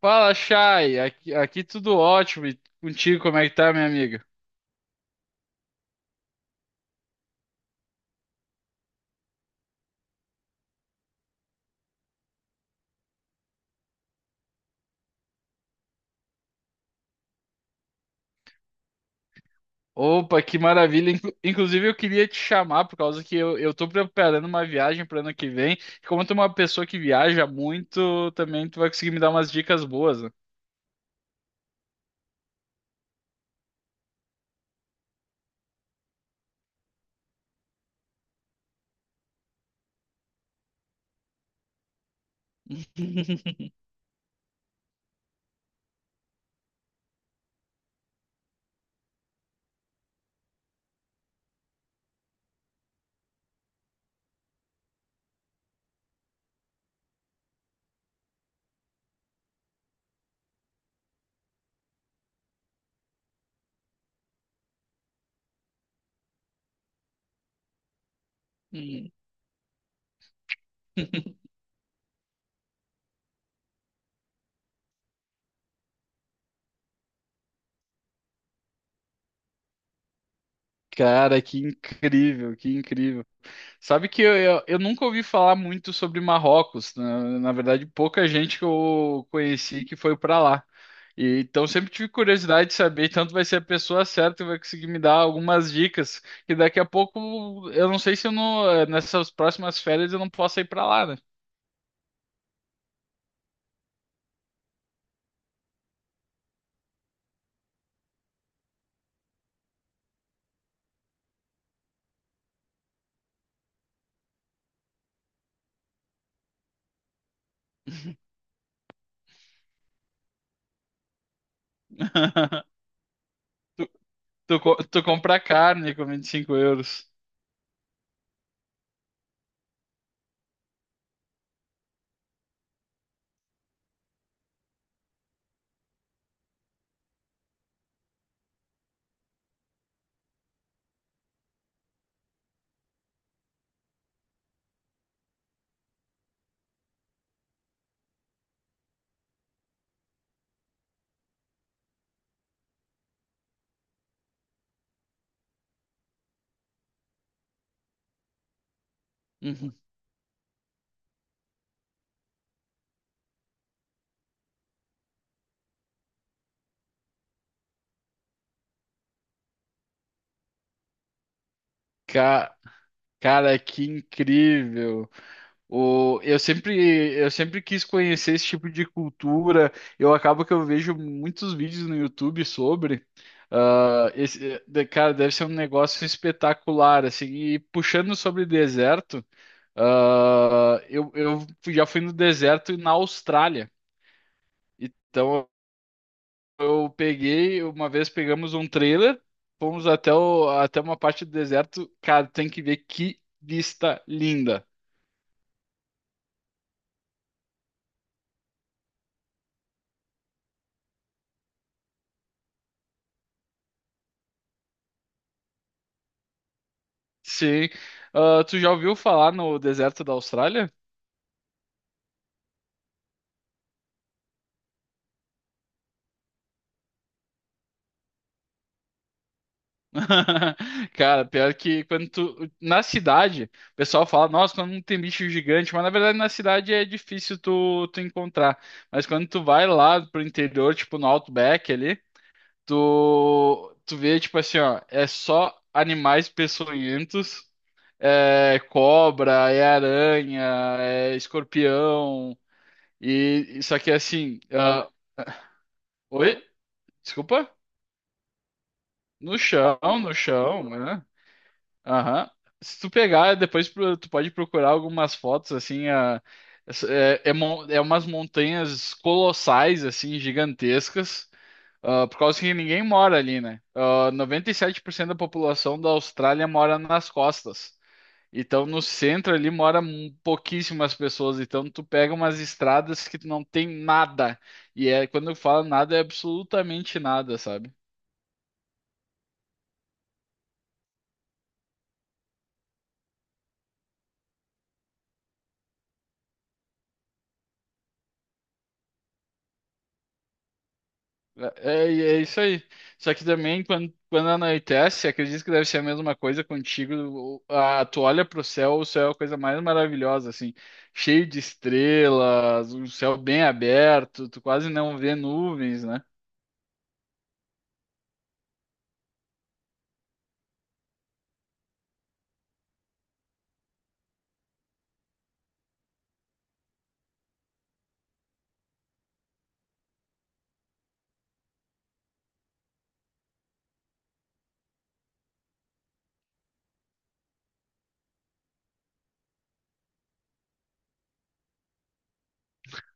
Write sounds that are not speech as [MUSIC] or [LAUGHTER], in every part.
Fala, Chay. Aqui tudo ótimo. E contigo, como é que tá, minha amiga? Opa, que maravilha. Inclusive, eu queria te chamar por causa que eu tô preparando uma viagem para ano que vem. E como tu é uma pessoa que viaja muito, também tu vai conseguir me dar umas dicas boas, né? [LAUGHS] Cara, que incrível, que incrível. Sabe que eu nunca ouvi falar muito sobre Marrocos. Na verdade, pouca gente que eu conheci que foi para lá. E, então, sempre tive curiosidade de saber. Tanto vai ser a pessoa certa que vai conseguir me dar algumas dicas. Que daqui a pouco, eu não sei se eu não, nessas próximas férias eu não posso ir para lá, né? [LAUGHS] Tu, tu compra carne com 25 euros. Uhum. Ca- Cara, que incrível. O, eu sempre, eu sempre quis conhecer esse tipo de cultura. Eu acabo que eu vejo muitos vídeos no YouTube sobre. Cara, deve ser um negócio espetacular, assim. E puxando sobre deserto, já fui no deserto na Austrália. Então uma vez pegamos um trailer, fomos até uma parte do deserto. Cara, tem que ver que vista linda. Sim. Ah, tu já ouviu falar no deserto da Austrália? [LAUGHS] Cara, pior que quando tu. Na cidade, o pessoal fala, nossa, quando não tem bicho gigante, mas na verdade na cidade é difícil tu encontrar. Mas quando tu vai lá pro interior, tipo no Outback ali, tu vê, tipo assim, ó, é só animais peçonhentos, é cobra, é aranha, é escorpião, e isso aqui é assim. Oi? Desculpa? No chão, no chão, né? Aham. Se tu pegar, depois tu pode procurar algumas fotos, assim, a, é, é, mon- é umas montanhas colossais, assim, gigantescas, por causa que ninguém mora ali, né? Ah, 97% da população da Austrália mora nas costas. Então, no centro ali mora pouquíssimas pessoas. Então, tu pega umas estradas que tu não tem nada. Quando eu falo nada, é absolutamente nada, sabe? É isso aí. Só que também, quando anoitece, acredito que deve ser a mesma coisa contigo. Tu olha pro céu, o céu é a coisa mais maravilhosa, assim, cheio de estrelas, um céu bem aberto, tu quase não vê nuvens, né?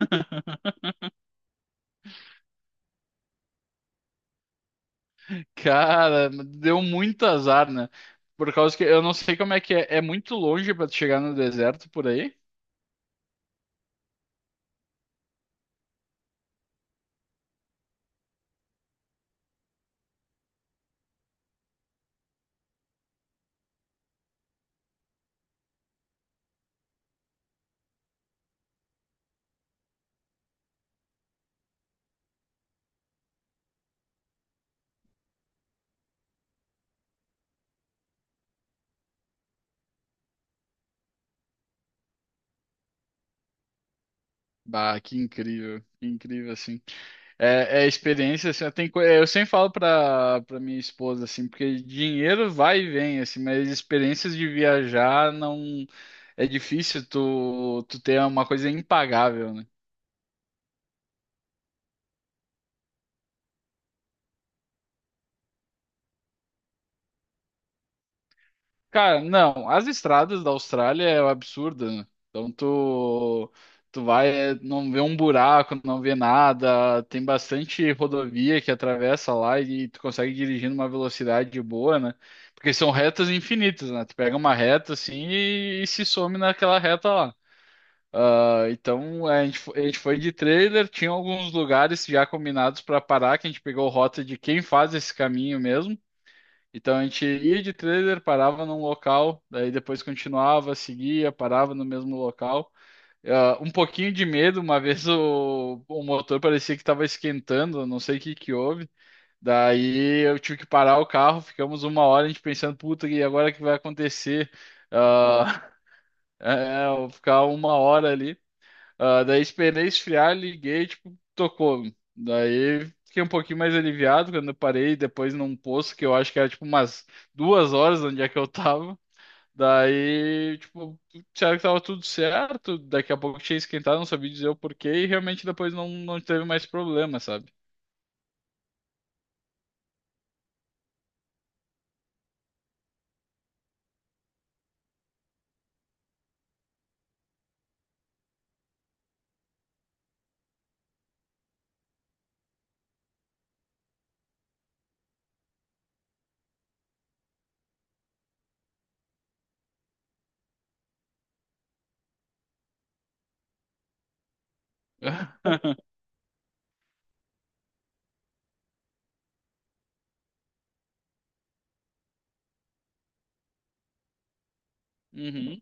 [LAUGHS] Cara, deu muito azar, né? Por causa que eu não sei como é que é muito longe pra tu chegar no deserto por aí. Bah, que incrível, assim. É experiência, assim, eu sempre falo pra minha esposa, assim, porque dinheiro vai e vem, assim, mas experiências de viajar não, é difícil tu ter uma coisa impagável, né? Cara, não, as estradas da Austrália é um absurdo, né? Então tu vai, não vê um buraco, não vê nada, tem bastante rodovia que atravessa lá e tu consegue dirigir numa velocidade boa, né? Porque são retas infinitas, né? Tu pega uma reta assim e se some naquela reta lá. Ah, então a gente foi de trailer, tinha alguns lugares já combinados para parar, que a gente pegou rota de quem faz esse caminho mesmo. Então a gente ia de trailer, parava num local, daí depois continuava, seguia, parava no mesmo local. Ah, um pouquinho de medo, uma [LAUGHS] vez o motor parecia que estava esquentando, eu não sei o que que houve. Daí eu tive que parar o carro, ficamos uma hora a gente pensando, puta, e agora o que vai acontecer? Ah, [LAUGHS] eu ficar uma hora ali. Ah, daí esperei esfriar, liguei, tipo, tocou. Daí fiquei um pouquinho mais aliviado quando eu parei depois num posto que eu acho que era tipo umas 2 horas onde é que eu tava. Daí, tipo, disseram que tava tudo certo, daqui a pouco tinha esquentado, não sabia dizer o porquê, e realmente depois não teve mais problema, sabe? [LAUGHS] Uhum.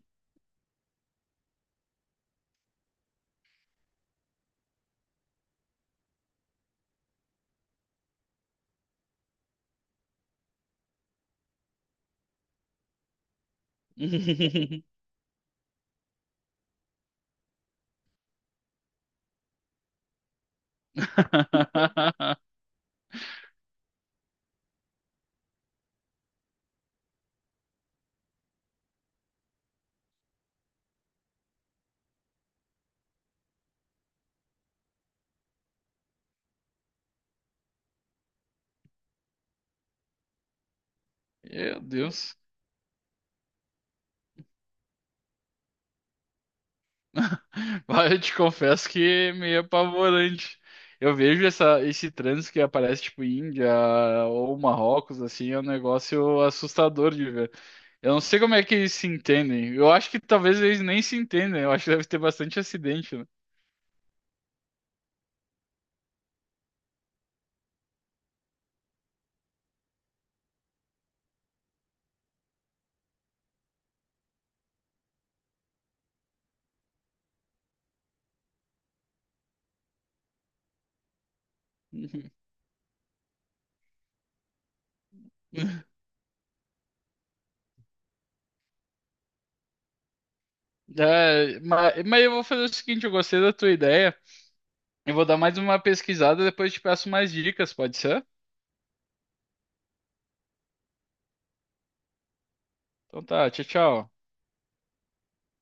[LAUGHS] Meu Deus. [LAUGHS] Olha, eu te confesso que é meio apavorante. Eu vejo esse trânsito que aparece, tipo, Índia ou Marrocos, assim, é um negócio assustador de ver. Eu não sei como é que eles se entendem. Eu acho que talvez eles nem se entendem. Eu acho que deve ter bastante acidente, né? [LAUGHS] Uhum. É, mas eu vou fazer o seguinte, eu gostei da tua ideia. Eu vou dar mais uma pesquisada, depois te peço mais dicas, pode ser? Então tá, tchau, tchau.